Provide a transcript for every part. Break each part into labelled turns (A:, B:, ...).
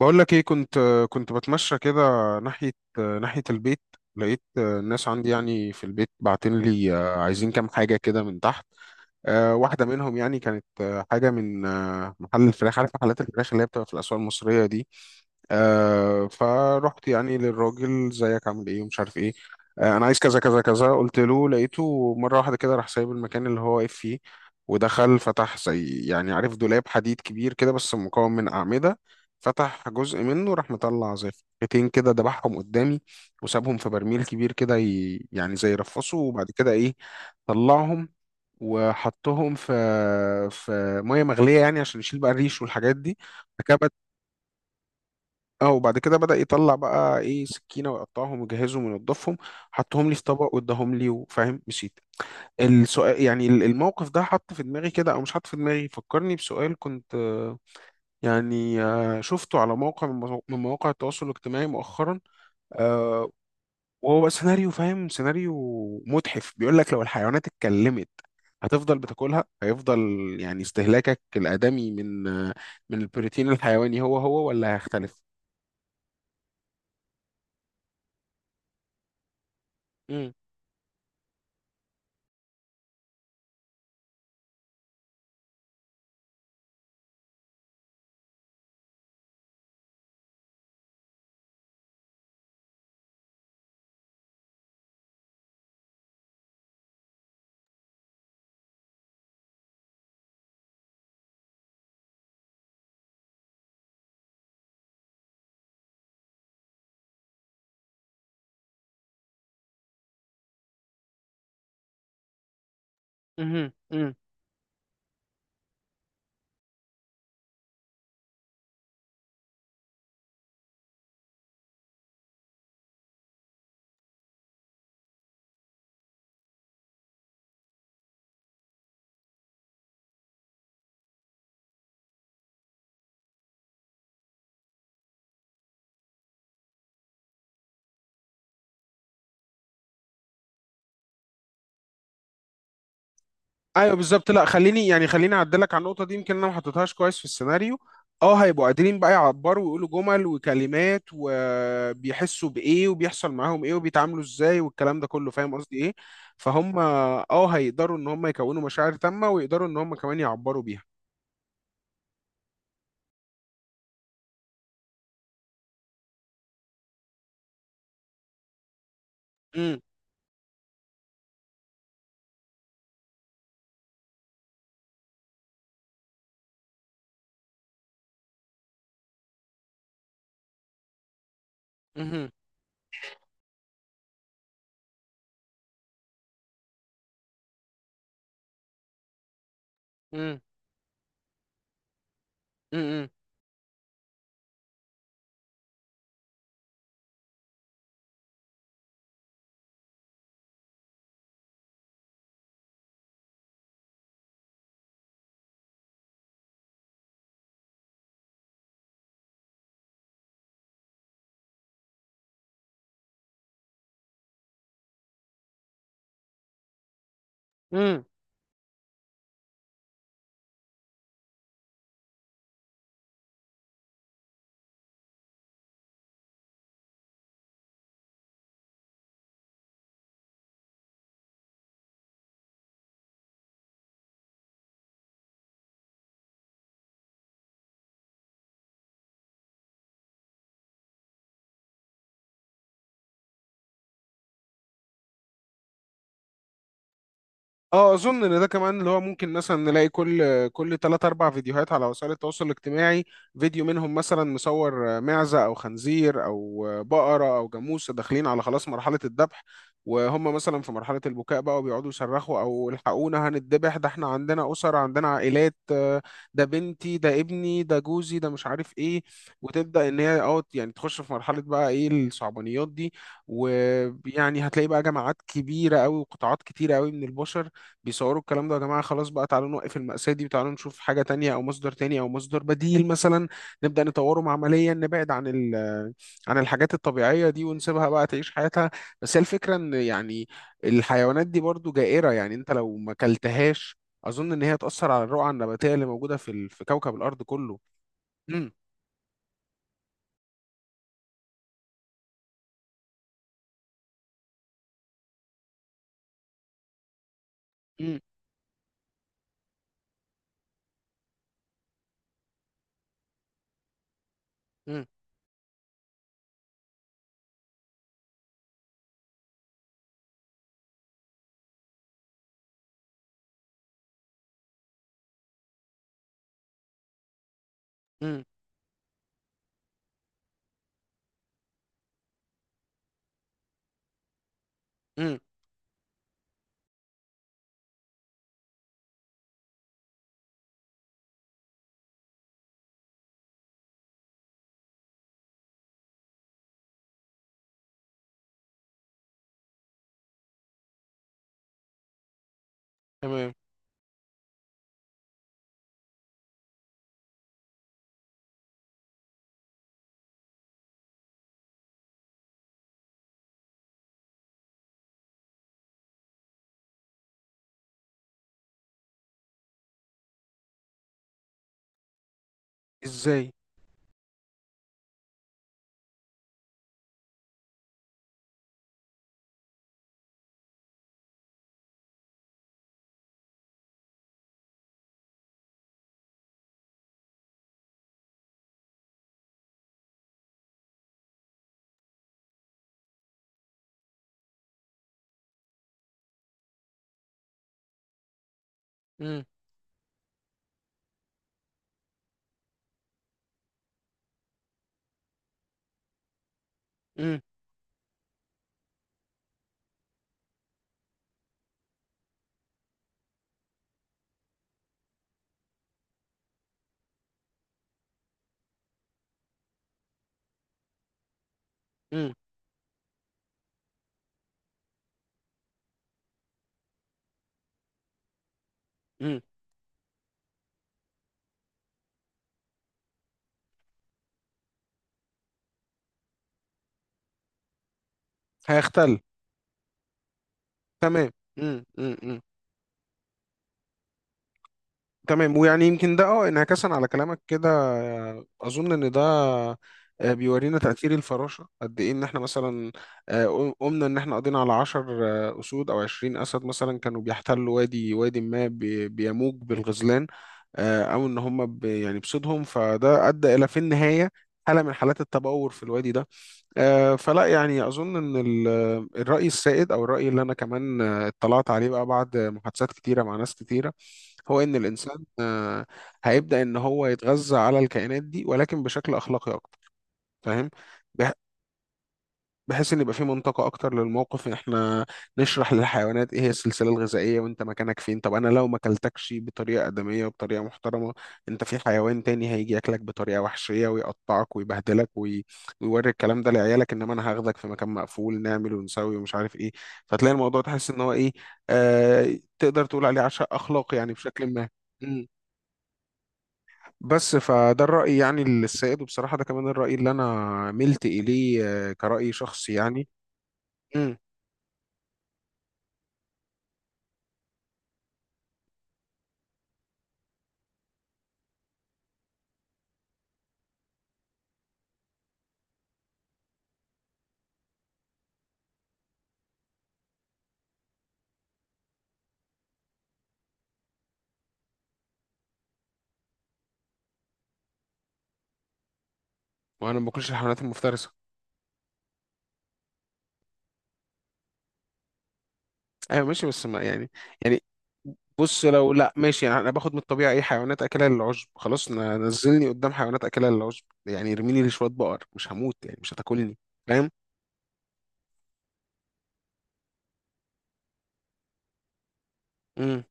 A: بقول لك ايه، كنت بتمشى كده، ناحية ناحية البيت. لقيت الناس عندي يعني في البيت باعتين لي، عايزين كام حاجة كده من تحت. واحدة منهم يعني كانت حاجة من محل الفراخ، عارف محلات الفراخ اللي هي بتبقى في الأسواق المصرية دي. فرحت يعني للراجل زيك، عامل ايه ومش عارف ايه. انا عايز كذا كذا كذا، قلت له. لقيته مرة واحدة كده راح سايب المكان اللي هو واقف فيه، ودخل فتح زي يعني عارف دولاب حديد كبير كده، بس مكون من أعمدة. فتح جزء منه راح مطلع زي فرختين كده، دبحهم قدامي وسابهم في برميل كبير كده يعني زي رفصه. وبعد كده ايه، طلعهم وحطهم في ميه مغليه، يعني عشان يشيل بقى الريش والحاجات دي. بعد كده بد- اه وبعد كده بدأ يطلع بقى ايه سكينه ويقطعهم ويجهزهم وينضفهم، حطهم لي في طبق واداهم لي وفاهم، مشيت. السؤال يعني الموقف ده حط في دماغي كده او مش حط في دماغي، فكرني بسؤال كنت يعني شفته على موقع من من مواقع التواصل الاجتماعي مؤخرا. آه، وهو بقى سيناريو، فاهم، سيناريو متحف، بيقول لك لو الحيوانات اتكلمت هتفضل بتاكلها؟ هيفضل يعني استهلاكك الآدمي من البروتين الحيواني هو هو ولا هيختلف؟ امم. ايوه بالظبط، لا خليني اعدلك على النقطه دي، يمكن انا ما حطيتهاش كويس في السيناريو. اه، هيبقوا قادرين بقى يعبروا ويقولوا جمل وكلمات، وبيحسوا بايه وبيحصل معاهم ايه وبيتعاملوا ازاي والكلام ده كله، فاهم قصدي ايه. فهم اه، هيقدروا ان هم يكونوا مشاعر تامه ويقدروا ان هم كمان يعبروا بيها. امم. امم. امم. اه، اظن ان ده كمان اللي هو ممكن مثلا نلاقي كل 3 4 فيديوهات على وسائل التواصل الاجتماعي، فيديو منهم مثلا مصور معزة او خنزير او بقرة او جاموسة داخلين على خلاص مرحلة الذبح. وهم مثلا في مرحلة البكاء بقى، وبيقعدوا يصرخوا او الحقونا هنتذبح، ده احنا عندنا اسر، عندنا عائلات، ده بنتي ده ابني ده جوزي ده مش عارف ايه. وتبدأ ان هي اه يعني تخش في مرحلة بقى ايه الصعبانيات دي، ويعني هتلاقي بقى جماعات كبيرة قوي وقطاعات كتيرة قوي من البشر بيصوروا الكلام ده، يا جماعة خلاص بقى تعالوا نوقف المأساة دي، وتعالوا نشوف حاجة تانية أو مصدر تاني أو مصدر بديل مثلا، نبدأ نطوره معمليا، نبعد عن ال آه، عن الحاجات الطبيعية دي ونسيبها بقى تعيش حياتها. بس هي الفكرة إن يعني الحيوانات دي برضو جائرة، يعني أنت لو ما كلتهاش أظن إن هي تأثر على الرقعة النباتية اللي موجودة في كوكب الأرض كله. مم. مم. مم. مم. مم. تمام. إزاي. مم. مم. مم. مم. هيختل. تمام. مم. مم. مم. تمام، ويعني يمكن ده اه انعكاسا على كلامك كده، اظن ان ده بيورينا تأثير الفراشة قد ايه، ان احنا مثلا قمنا ان احنا قضينا على 10 اسود او 20 اسد مثلا، كانوا بيحتلوا وادي ما بيموج بالغزلان، او ان هم يعني بصيدهم، فده ادى الى في النهاية حالة من حالات التبور في الوادي ده. فلا يعني أظن إن الرأي السائد، أو الرأي اللي أنا كمان اطلعت عليه بقى بعد محادثات كتيرة مع ناس كتيرة، هو إن الإنسان هيبدأ إن هو يتغذى على الكائنات دي ولكن بشكل أخلاقي أكتر، فاهم؟ بحيث ان يبقى في منطقه اكتر للموقف، ان احنا نشرح للحيوانات ايه هي السلسله الغذائيه وانت مكانك فين. طب انا لو ما اكلتكش بطريقه ادميه وبطريقه محترمه، انت في حيوان تاني هيجي ياكلك بطريقه وحشيه ويقطعك ويبهدلك ويوري الكلام ده لعيالك، انما انا هاخدك في مكان مقفول نعمل ونسوي ومش عارف ايه. فتلاقي الموضوع تحس ان هو ايه، تقدر تقول عليه عشاء اخلاقي يعني بشكل ما. مم. بس فده الرأي يعني السائد، وبصراحة ده كمان الرأي اللي أنا ملت إليه، كرأي شخصي يعني. مم. وانا ما باكلش الحيوانات المفترسه. ايوه ماشي بس ما يعني، يعني بص لو لا ماشي، يعني انا باخد من الطبيعه اي حيوانات اكلها للعشب، خلاص نزلني قدام حيوانات اكلها للعشب، يعني ارميني لشويه بقر، مش هموت يعني، مش هتاكلني. فاهم. امم.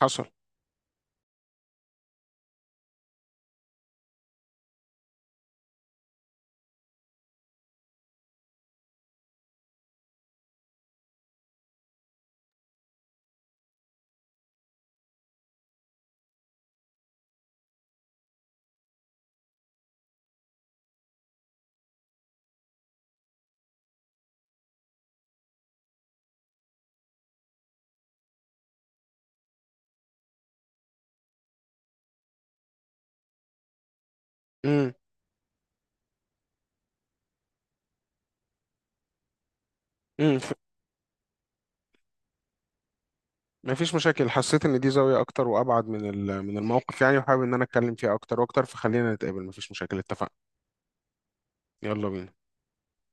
A: حصل. امم. امم. ما فيش مشاكل، حسيت ان دي زاويه اكتر وابعد من من الموقف يعني، وحابب ان انا اتكلم فيها اكتر واكتر، فخلينا نتقابل، ما فيش مشاكل، اتفقنا. يلا بينا.